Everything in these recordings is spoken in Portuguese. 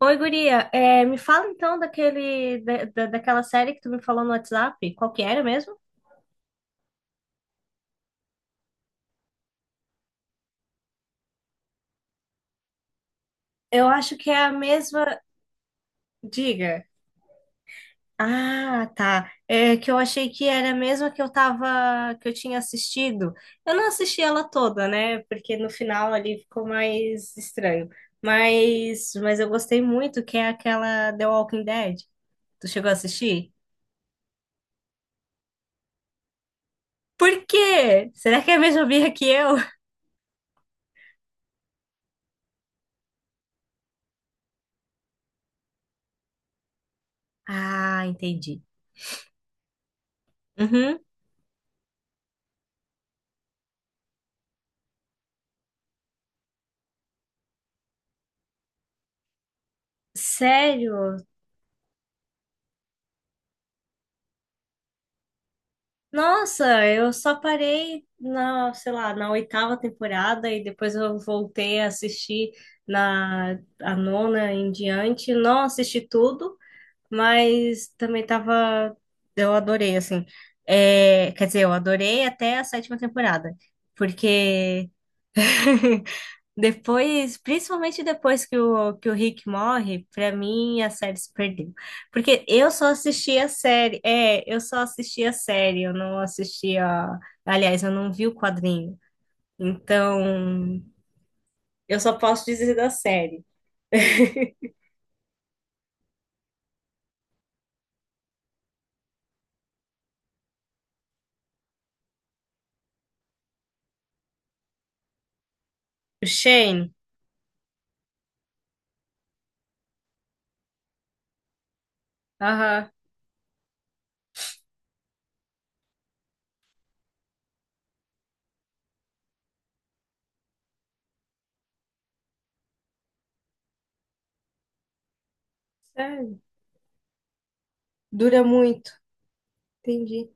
Oi, guria. É, me fala então daquele, daquela série que tu me falou no WhatsApp. Qual que era mesmo? Eu acho que é a mesma. Diga. Ah, tá. É que eu achei que era a mesma que eu tinha assistido. Eu não assisti ela toda, né? Porque no final ali ficou mais estranho. Mas eu gostei muito, que é aquela The Walking Dead. Tu chegou a assistir? Por quê? Será que é a mesma birra que eu? Ah, entendi. Uhum. Sério? Nossa, eu só parei na, sei lá, na oitava temporada e depois eu voltei a assistir na a nona em diante. Não assisti tudo, mas também tava, eu adorei assim. É, quer dizer, eu adorei até a sétima temporada, porque depois, principalmente depois que o Rick morre, pra mim a série se perdeu. Porque eu só assistia a série. É, eu só assistia a série, eu não assistia. Aliás, eu não vi o quadrinho. Então, eu só posso dizer da série. O Shane, aham, sério, dura muito. Entendi.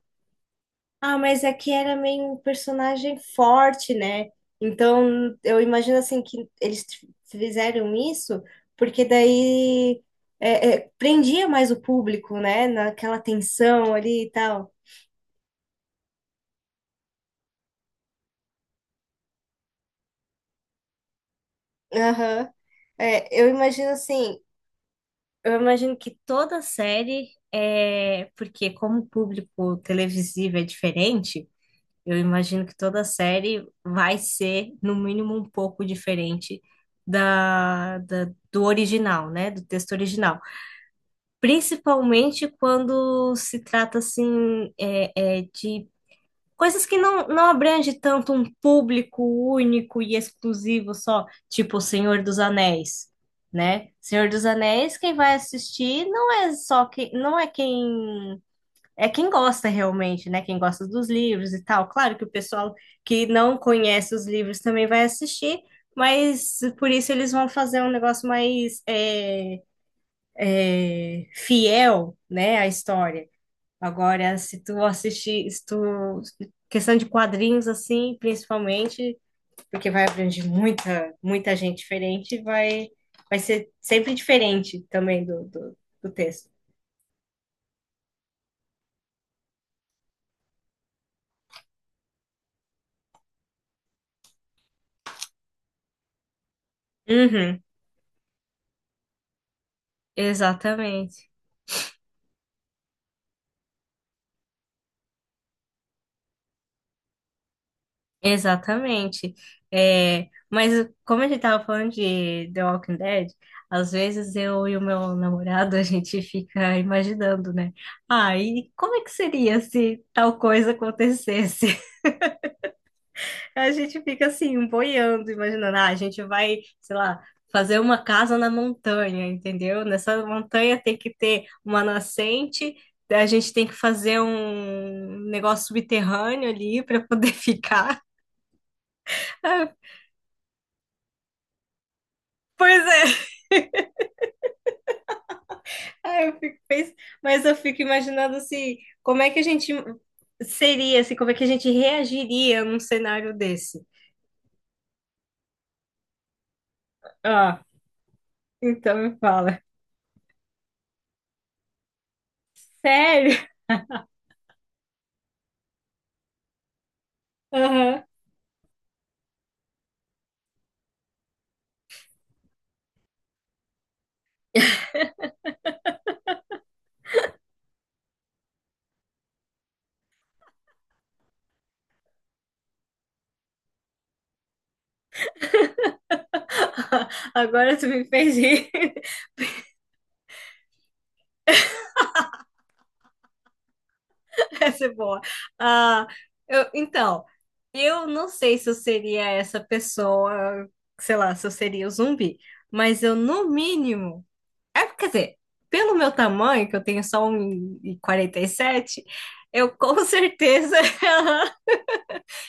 Ah, mas aqui era meio um personagem forte, né? Então, eu imagino assim que eles fizeram isso porque daí prendia mais o público, né? Naquela tensão ali e tal. Aham. É, eu imagino assim, eu imagino que toda série é porque como o público televisivo é diferente, eu imagino que toda série vai ser, no mínimo, um pouco diferente da, da- do original, né? Do texto original. Principalmente quando se trata, assim, de coisas que não abrange tanto um público único e exclusivo só, tipo O Senhor dos Anéis. Né? Senhor dos Anéis, quem vai assistir não é só quem, não é quem é quem gosta realmente, né? Quem gosta dos livros e tal. Claro que o pessoal que não conhece os livros também vai assistir, mas por isso eles vão fazer um negócio mais fiel, né, à história. Agora, se tu assistir, se tu, questão de quadrinhos assim, principalmente, porque vai abranger muita, muita gente diferente, vai ser sempre diferente também do texto. Uhum, exatamente. Exatamente. É, mas como a gente tava falando de The Walking Dead, às vezes eu e o meu namorado a gente fica imaginando, né? Ah, e como é que seria se tal coisa acontecesse? A gente fica assim, boiando, imaginando, ah, a gente vai, sei lá, fazer uma casa na montanha, entendeu? Nessa montanha tem que ter uma nascente. A gente tem que fazer um negócio subterrâneo ali para poder ficar. Pois é. Ah, mas eu fico imaginando assim, como é que a gente seria, assim, como é que a gente reagiria num cenário desse. Ah, então me fala. Sério? Aham. Agora tu me fez rir. Essa é boa. Ah, então, eu não sei se eu seria essa pessoa, sei lá, se eu seria o zumbi, mas eu, no mínimo. É, quer dizer, pelo meu tamanho, que eu tenho só um e quarenta e sete, eu com certeza,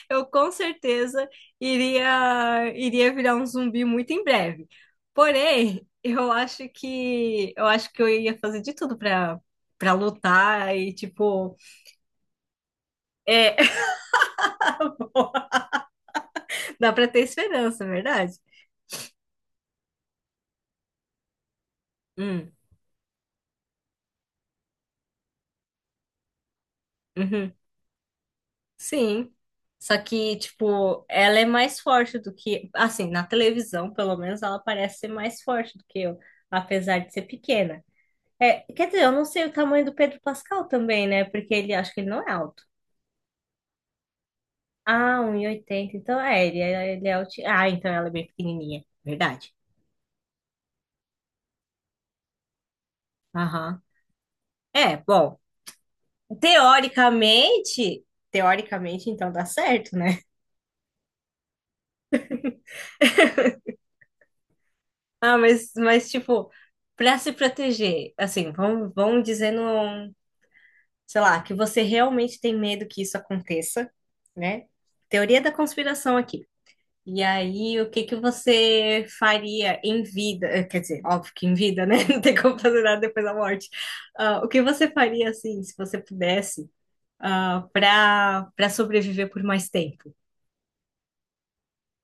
eu com certeza iria, virar um zumbi muito em breve. Porém, eu acho que eu ia fazer de tudo para lutar e tipo, é, dá para ter esperança, é verdade? Hum, uhum. Sim. Só que, tipo, ela é mais forte do que. Assim, na televisão, pelo menos, ela parece ser mais forte do que eu, apesar de ser pequena. É, quer dizer, eu não sei o tamanho do Pedro Pascal também, né? Porque ele acho que ele não é alto. Ah, 1,80. Então, é, ele é alto. Ah, então ela é bem pequenininha. Verdade. Aham. É, bom. Teoricamente. Teoricamente, então dá certo, né? Ah, mas tipo, para se proteger, assim, vamos dizendo, sei lá, que você realmente tem medo que isso aconteça, né? Teoria da conspiração aqui. E aí, o que que você faria em vida? Quer dizer, óbvio que em vida, né? Não tem como fazer nada depois da morte. Ah, o que você faria, assim, se você pudesse, ah, para sobreviver por mais tempo?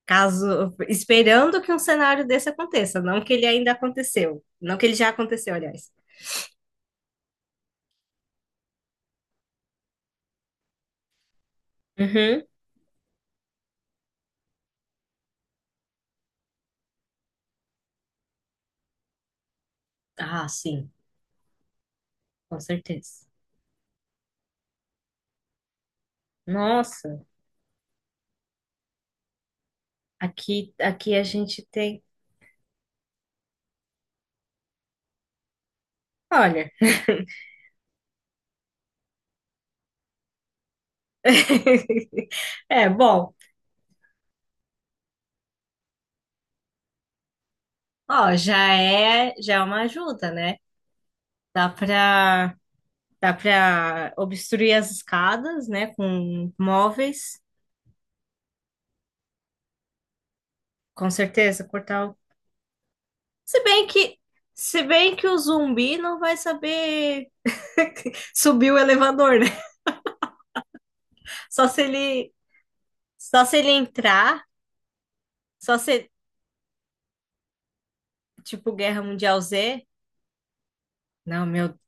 Caso, esperando que um cenário desse aconteça, não que ele ainda aconteceu, não que ele já aconteceu, aliás. Uhum. Ah, sim, com certeza. Nossa. Aqui a gente tem. Olha. É, bom, ó, já é uma ajuda, né? Dá pra, dá pra obstruir as escadas, né, com móveis, com certeza, cortar o. Se bem que, se bem que o zumbi não vai saber subir o elevador, né? Só se ele, Só se ele entrar, só se, tipo, Guerra Mundial Z. Não, meu.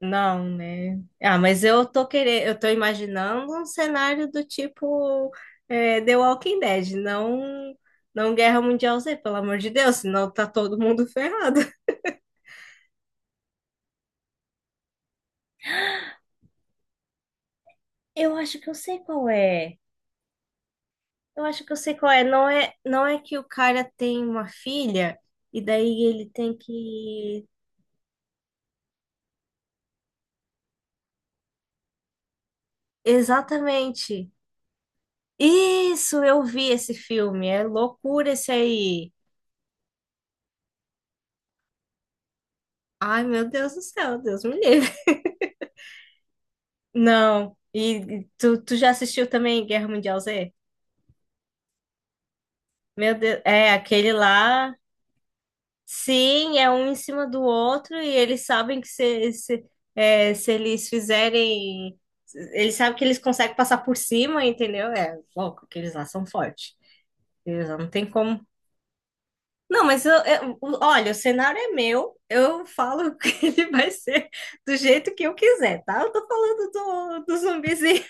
Não, né? Ah, mas eu tô imaginando um cenário do tipo The Walking Dead, não, não Guerra Mundial Z, pelo amor de Deus, senão tá todo mundo ferrado. Eu acho que eu sei qual é. Eu acho que eu sei qual é. Não é que o cara tem uma filha e daí ele tem que. Exatamente. Isso, eu vi esse filme. É loucura esse aí. Ai, meu Deus do céu, Deus me livre. Não. E tu já assistiu também Guerra Mundial Z? Meu Deus, é aquele lá. Sim, é um em cima do outro e eles sabem que se eles fizerem. Eles sabem que eles conseguem passar por cima, entendeu? É louco, que eles lá são fortes. Eles lá não tem como. Não, mas olha, o cenário é meu, eu falo que ele vai ser do jeito que eu quiser, tá? Eu tô falando do zumbizinho.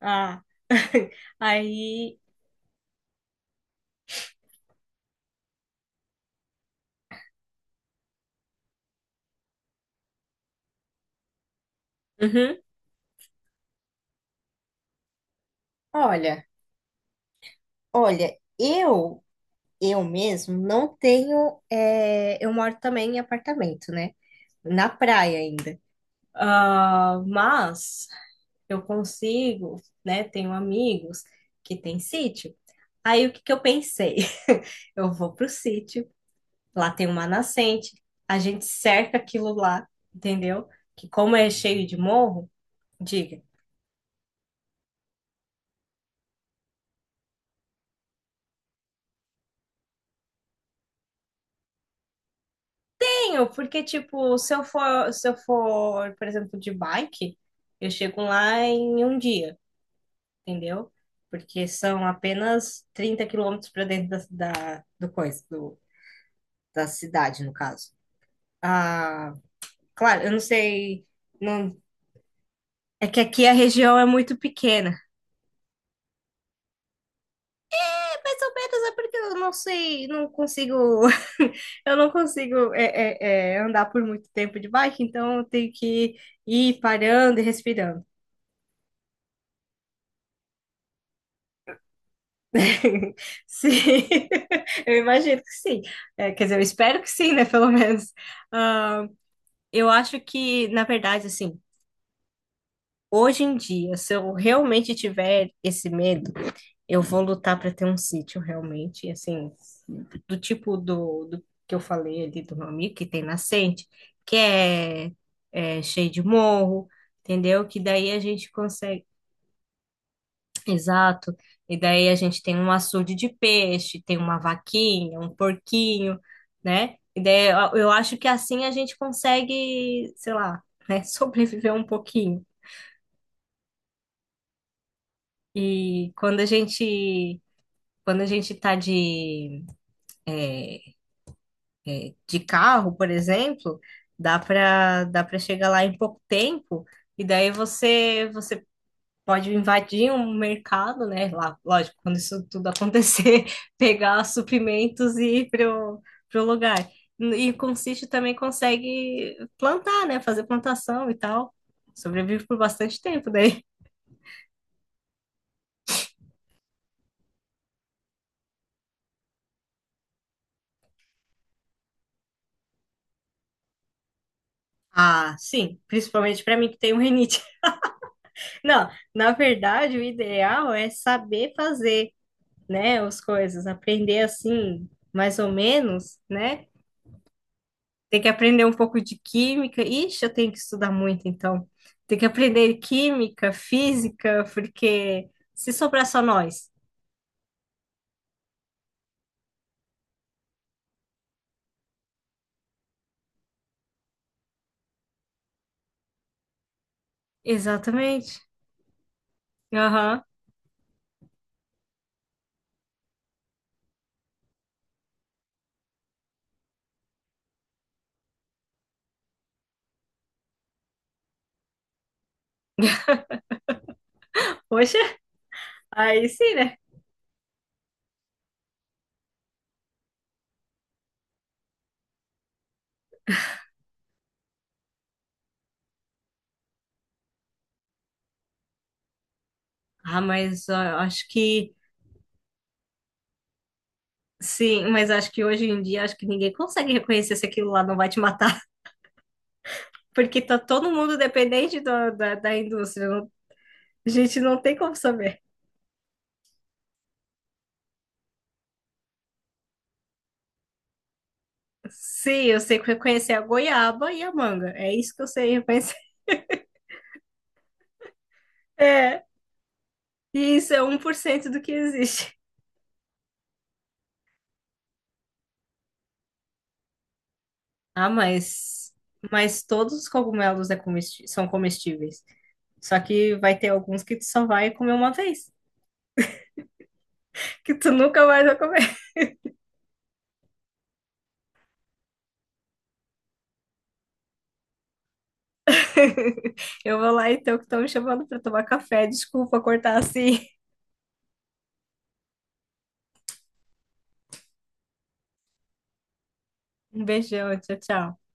Ah, aí. Uhum. Olha, olha, eu mesmo não tenho. Eu moro também em apartamento, né? Na praia ainda. Ah, mas eu consigo, né? Tenho amigos que têm sítio. Aí o que que eu pensei? Eu vou pro sítio, lá tem uma nascente, a gente cerca aquilo lá, entendeu? Que como é cheio de morro, diga. Tenho, porque, tipo, se eu for, por exemplo, de bike, eu chego lá em um dia, entendeu? Porque são apenas 30 km para dentro da, da, do coisa, do, da cidade, no caso. Ah, claro, eu não sei. Não, é que aqui a região é muito pequena. É mais ou menos, é porque eu não sei, não consigo. Eu não consigo é, andar por muito tempo de bike, então eu tenho que ir parando e respirando. Sim, eu imagino que sim. É, quer dizer, eu espero que sim, né? Pelo menos. Ah, eu acho que, na verdade, assim, hoje em dia, se eu realmente tiver esse medo, eu vou lutar para ter um sítio realmente, assim, do tipo do que eu falei ali do meu amigo, que tem nascente, que é cheio de morro, entendeu? Que daí a gente consegue. Exato. E daí a gente tem um açude de peixe, tem uma vaquinha, um porquinho, né? E daí eu acho que assim a gente consegue, sei lá, né, sobreviver um pouquinho. E quando a gente tá de carro, por exemplo, dá para chegar lá em pouco tempo. E daí você pode invadir um mercado, né? Lá, lógico, quando isso tudo acontecer, pegar suprimentos e ir pro lugar. E com o sítio também consegue plantar, né? Fazer plantação e tal. Sobrevive por bastante tempo daí. Ah, sim, principalmente para mim que tenho rinite. Não, na verdade, o ideal é saber fazer, né, as coisas, aprender assim, mais ou menos, né? Tem que aprender um pouco de química. Ixi, eu tenho que estudar muito, então. Tem que aprender química, física, porque se sobrar só nós. Exatamente. Aham. Poxa, aí sim, né? Ah, mas ó, eu acho que sim, mas acho que hoje em dia acho que ninguém consegue reconhecer se aquilo lá não vai te matar, porque tá todo mundo dependente da indústria. A gente não tem como saber. Sim, eu sei reconhecer a goiaba e a manga. É isso que eu sei reconhecer. E isso é 1% do que existe. Ah, mas todos os cogumelos são comestíveis. Só que vai ter alguns que tu só vai comer uma vez, que tu nunca mais vai comer. Eu vou lá então, que estão me chamando para tomar café. Desculpa cortar assim. Um beijão, tchau, tchau.